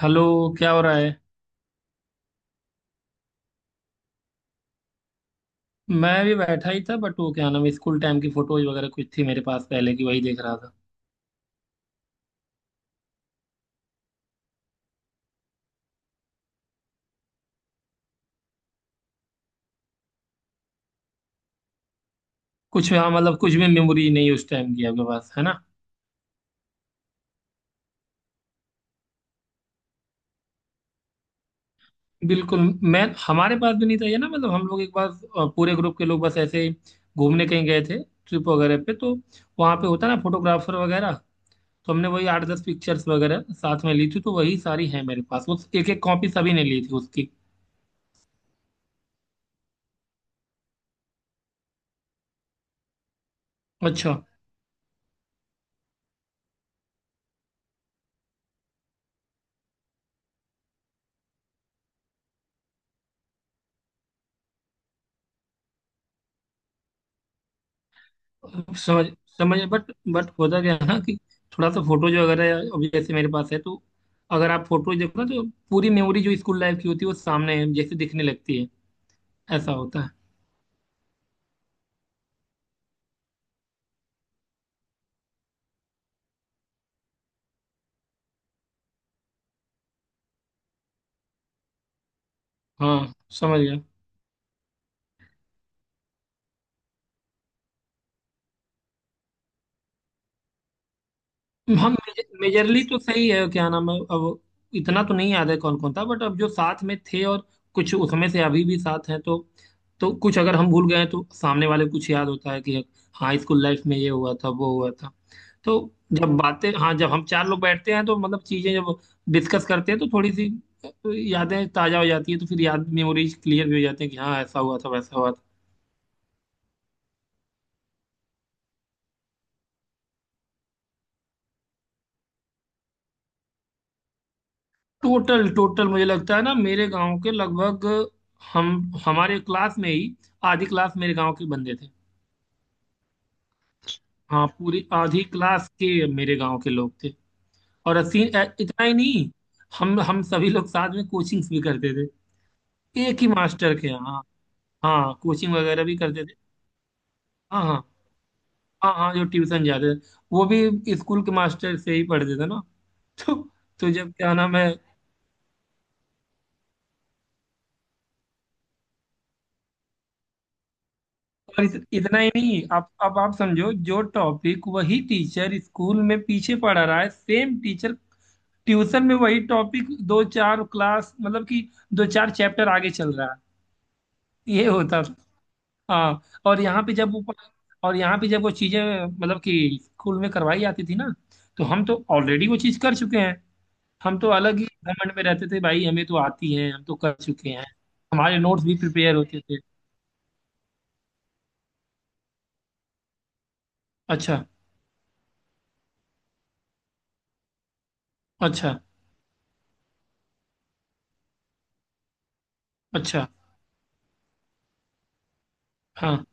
Hello. क्या हो रहा है? मैं भी बैठा ही था, बट वो क्या नाम है, स्कूल टाइम की फोटोज वगैरह कुछ थी मेरे पास पहले की, वही देख रहा था। कुछ, हाँ, मतलब कुछ भी मेमोरी नहीं उस टाइम की आपके पास है ना। बिल्कुल। मैं, हमारे पास भी नहीं था ये ना, मतलब हम लोग एक बार पूरे ग्रुप के लोग बस ऐसे ही घूमने कहीं गए थे, ट्रिप वगैरह पे, तो वहाँ पे होता ना फोटोग्राफर वगैरह, तो हमने वही आठ दस पिक्चर्स वगैरह साथ में ली थी, तो वही सारी है मेरे पास। वो एक एक कॉपी सभी ने ली थी उसकी। अच्छा। समझ समझ बट होता क्या है ना, कि थोड़ा सा फोटो जो अगर है, अभी जैसे मेरे पास है, तो अगर आप फोटो देखो ना, तो पूरी मेमोरी जो स्कूल लाइफ की होती है वो सामने है, जैसे दिखने लगती है। ऐसा होता है। हाँ, समझ गया। हम, मेजरली तो सही है, क्या नाम है, अब इतना तो नहीं याद है कौन कौन था, बट अब जो साथ में थे, और कुछ उसमें से अभी भी साथ हैं, तो कुछ अगर हम भूल गए हैं, तो सामने वाले को कुछ याद होता है कि हाँ स्कूल लाइफ में ये हुआ था वो हुआ था। तो जब बातें, हाँ, जब हम चार लोग बैठते हैं तो मतलब चीजें जब डिस्कस करते हैं, तो थोड़ी सी यादें ताजा हो जाती है, तो फिर याद मेमोरीज क्लियर भी हो जाती है कि हाँ ऐसा हुआ था वैसा हुआ था। टोटल टोटल, मुझे लगता है ना, मेरे गांव के लगभग, हम हमारे क्लास में ही आधी क्लास मेरे गांव के बंदे थे। हाँ, पूरी आधी क्लास के मेरे गांव के लोग थे। और इतना ही नहीं, हम सभी लोग साथ में कोचिंग्स भी करते थे, एक ही मास्टर के यहाँ। हाँ, कोचिंग वगैरह भी करते थे। हाँ हाँ हाँ। हाँ, जो ट्यूशन जाते थे वो भी स्कूल के मास्टर से ही पढ़ते थे ना। तो तो जब क्या नाम है, और इतना ही नहीं, आप, अब आप समझो, जो टॉपिक वही टीचर स्कूल में पीछे पढ़ा रहा है, सेम टीचर ट्यूशन में वही टॉपिक दो चार क्लास, मतलब कि दो चार चैप्टर आगे चल रहा है। ये होता था। हाँ, और यहाँ पे जब वो और यहाँ पे जब वो चीजें मतलब कि स्कूल में करवाई जाती थी ना, तो हम तो ऑलरेडी वो चीज कर चुके हैं। हम तो अलग ही घमंड में रहते थे, भाई हमें तो आती है, हम तो कर चुके हैं। हमारे नोट्स भी प्रिपेयर होते थे। अच्छा। अच्छा। अच्छा। हाँ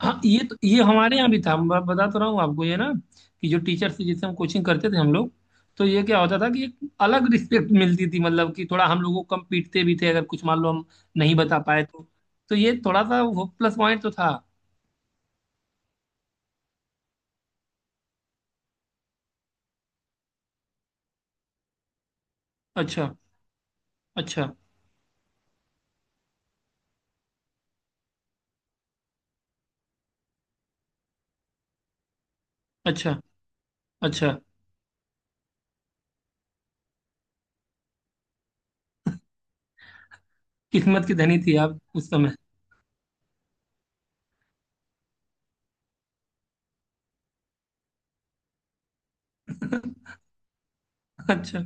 हाँ, ये तो, ये हमारे यहाँ भी था। मैं बता तो रहा हूँ आपको ये ना, कि जो टीचर से, जिससे हम कोचिंग करते थे हम लोग, तो ये क्या होता था कि एक अलग रिस्पेक्ट मिलती थी, मतलब कि थोड़ा हम लोगों को कम पीटते भी थे अगर कुछ मान लो हम नहीं बता पाए तो। तो ये थोड़ा सा वो प्लस पॉइंट तो था। अच्छा। अच्छा। अच्छा। अच्छा। किस्मत की धनी थी आप उस समय। अच्छा।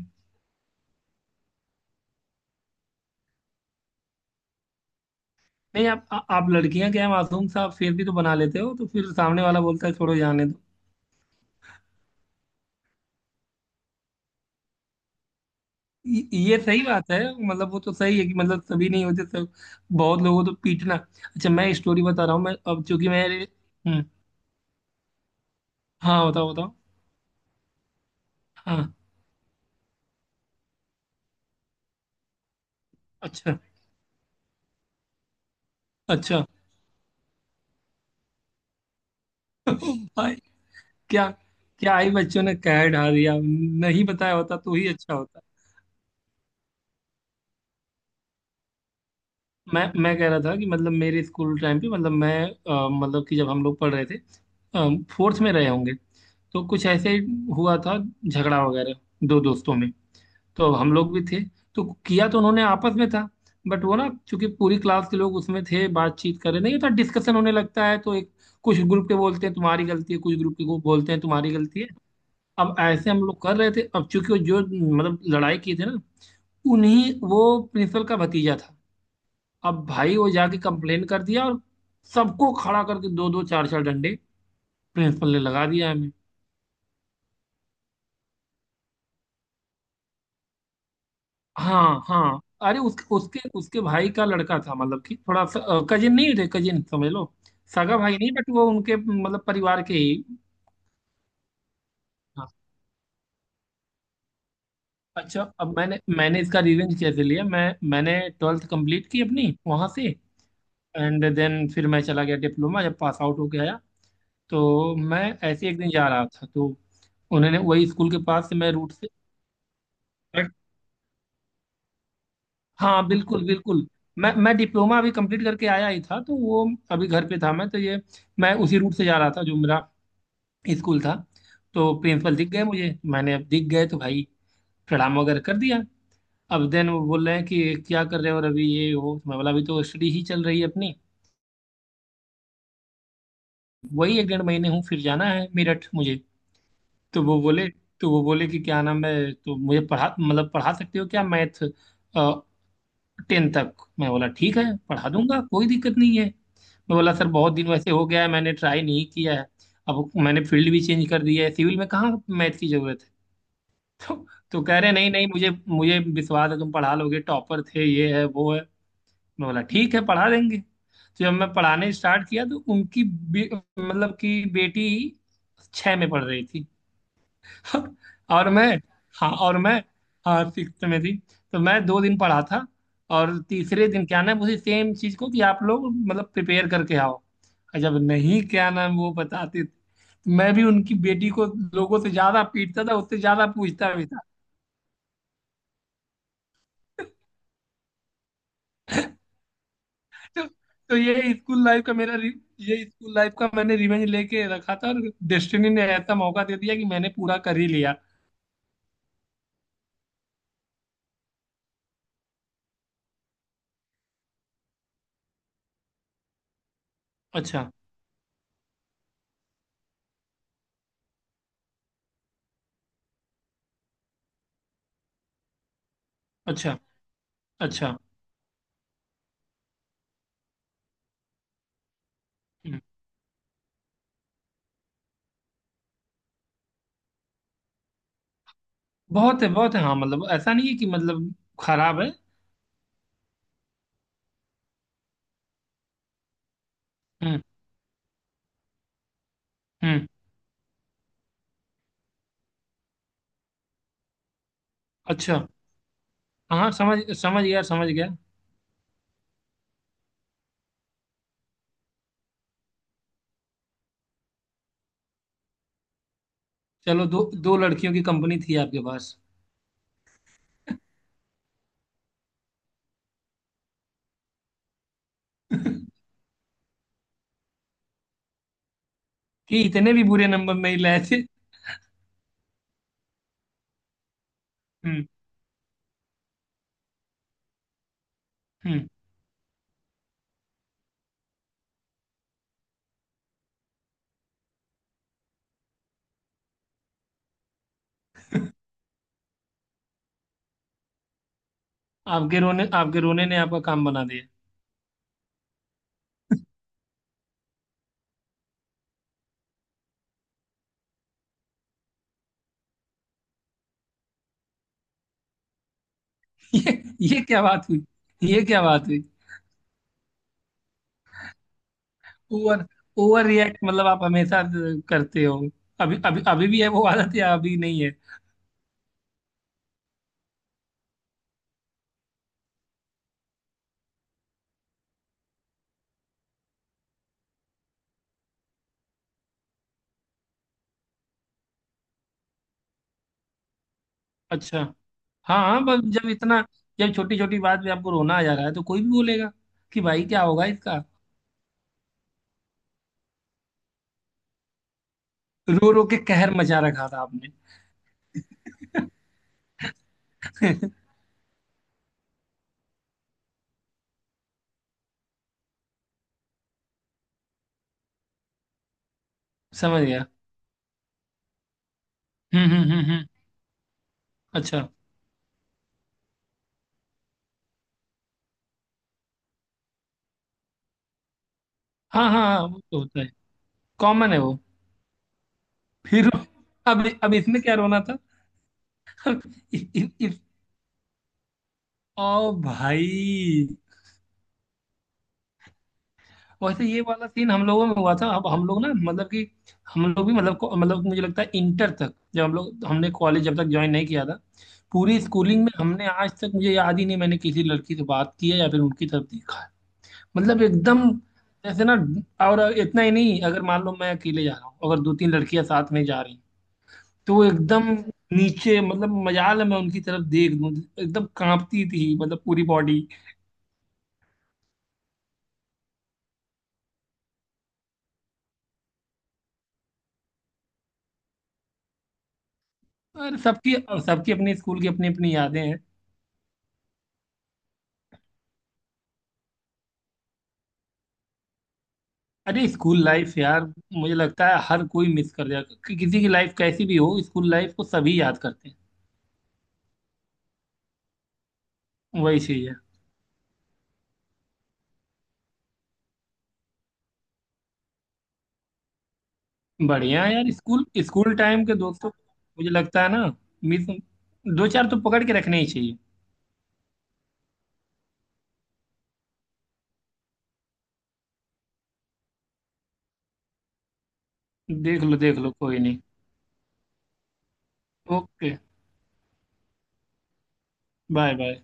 नहीं आप, आप लड़कियां क्या है, मासूम सा आप फिर भी तो बना लेते हो, तो फिर सामने वाला बोलता है छोड़ो जाने। ये सही बात है। मतलब वो तो सही है कि मतलब सभी नहीं होते सब, बहुत लोगों को तो पीटना। अच्छा, मैं स्टोरी बता रहा हूँ। मैं अब चूंकि मेरे, हाँ बताओ बताओ। हाँ। अच्छा। अच्छा। भाई, क्या? क्या आई? बच्चों ने कह ढा दिया, नहीं बताया होता तो ही अच्छा होता। मैं कह रहा था कि मतलब मेरे स्कूल टाइम पे, मतलब मैं, मतलब कि जब हम लोग पढ़ रहे थे, फोर्थ में रहे होंगे, तो कुछ ऐसे हुआ था, झगड़ा वगैरह, दो दोस्तों में, तो हम लोग भी थे, तो किया तो उन्होंने आपस में था, बट वो ना चूंकि पूरी क्लास के लोग उसमें थे, बातचीत कर रहे, नहीं होता, डिस्कशन होने लगता है तो एक कुछ ग्रुप के बोलते हैं तुम्हारी गलती है, कुछ ग्रुप के को बोलते हैं तुम्हारी गलती है। अब ऐसे हम लोग कर रहे थे। अब चूंकि वो जो मतलब लड़ाई की थी ना, उन्हीं वो प्रिंसिपल का भतीजा था। अब भाई वो जाके कंप्लेन कर दिया, और सबको खड़ा करके दो दो चार चार डंडे प्रिंसिपल ने लगा दिया हमें। हाँ हाँ, अरे उसके उसके उसके भाई का लड़का था, मतलब कि थोड़ा सा, कजिन नहीं थे, कजिन समझ लो। सगा भाई नहीं, बट वो उनके मतलब परिवार के ही। हाँ। अच्छा, अब मैंने मैंने इसका रिवेंज कैसे लिया, मैं, मैंने ट्वेल्थ कंप्लीट की अपनी वहाँ से। एंड देन फिर मैं चला गया डिप्लोमा, जब पास आउट होके आया तो मैं, ऐसे एक दिन जा रहा था, तो उन्होंने, वही स्कूल के पास से मैं रूट से, हाँ बिल्कुल बिल्कुल। मैं डिप्लोमा अभी कंप्लीट करके आया ही था तो वो, अभी घर पे था मैं तो ये, मैं उसी रूट से जा रहा था जो मेरा स्कूल था। तो प्रिंसिपल दिख गए मुझे, मैंने, अब दिख गए तो भाई प्रणाम वगैरह कर दिया। अब देन वो बोल रहे हैं कि क्या कर रहे हो और अभी ये वो, मैं बोला अभी तो स्टडी ही चल रही है अपनी, वही एक डेढ़ महीने हूँ, फिर जाना है मेरठ मुझे। तो वो बोले, तो वो बोले कि क्या नाम है, तो मुझे पढ़ा, मतलब पढ़ा सकते हो क्या मैथ टेन तक? मैं बोला ठीक है पढ़ा दूंगा, कोई दिक्कत नहीं है। मैं बोला सर बहुत दिन वैसे हो गया है, मैंने ट्राई नहीं किया है, अब मैंने फील्ड भी चेंज कर दिया है, सिविल में कहाँ मैथ की जरूरत है। तो तो कह रहे नहीं नहीं, मुझे मुझे विश्वास है तुम पढ़ा लोगे, टॉपर थे, ये है वो है। मैं बोला ठीक है पढ़ा देंगे। तो जब मैं पढ़ाने स्टार्ट किया, तो उनकी मतलब कि बेटी छः में पढ़ रही थी। और मैं, हाँ और मैं, हाँ सिक्स में थी। तो मैं दो दिन पढ़ा था, और तीसरे दिन क्या नाम, उसी सेम चीज को कि आप लोग मतलब प्रिपेयर करके आओ, और जब नहीं क्या नाम वो बताते थे, तो मैं भी उनकी बेटी को लोगों से ज्यादा पीटता था, उससे ज्यादा पूछता भी था। तो, तो ये स्कूल लाइफ का मेरा ये स्कूल लाइफ का मैंने रिवेंज लेके रखा था, और डेस्टिनी ने ऐसा मौका दे दिया कि मैंने पूरा कर ही लिया। अच्छा। अच्छा। अच्छा। बहुत है बहुत है, हाँ, मतलब ऐसा नहीं है कि मतलब खराब है। हम्म हम्म। अच्छा। हाँ, समझ, समझ गया समझ गया। चलो दो दो लड़कियों की कंपनी थी आपके पास। कि इतने भी बुरे नंबर नहीं लाए थे। हम्म हम्म। आपके रोने, आपके रोने ने आपका काम बना दिया। ये ये क्या बात हुई? ये क्या बात हुई? ओवर, ओवर रिएक्ट मतलब आप हमेशा करते हो? अभी, अभी, अभी भी है वो आदत या अभी नहीं है? अच्छा। हाँ हाँ, बस जब इतना, जब छोटी छोटी बात पे आपको रोना आ जा रहा है तो कोई भी बोलेगा कि भाई क्या होगा इसका। रो रो के कहर मचा रखा था आपने। समझ गया। हम्म हम्म हम्म हम्म। अच्छा। हाँ हाँ हाँ, वो तो होता है, कॉमन है वो। फिर, अब इसमें क्या रोना था? इ, इ, इ, ओ भाई। वैसे ये वाला सीन हम लोगों में हुआ था। अब हम लोग ना मतलब कि हम लोग भी मतलब मतलब मुझे लगता है इंटर तक, जब हम लोग, हमने कॉलेज जब तक ज्वाइन नहीं किया था, पूरी स्कूलिंग में हमने आज तक मुझे याद ही नहीं मैंने किसी लड़की से बात की है या फिर उनकी तरफ देखा है। मतलब एकदम जैसे ना, और इतना ही नहीं, अगर मान लो मैं अकेले जा रहा हूँ, अगर दो तीन लड़कियां साथ में जा रही हैं, तो वो एकदम नीचे, मतलब मजाल है मैं उनकी तरफ देख दूं। एकदम कांपती थी मतलब पूरी बॉडी। और सबकी, और सबकी अपने स्कूल की अपनी अपनी यादें हैं। अरे स्कूल लाइफ यार, मुझे लगता है हर कोई मिस कर जाएगा, कि किसी की लाइफ कैसी भी हो स्कूल लाइफ को सभी याद करते हैं। वही चीज है। बढ़िया है यार, स्कूल, स्कूल टाइम के दोस्तों को, मुझे लगता है ना, मिस, दो चार तो पकड़ के रखने ही चाहिए। देख लो देख लो, कोई नहीं। ओके। Bye bye.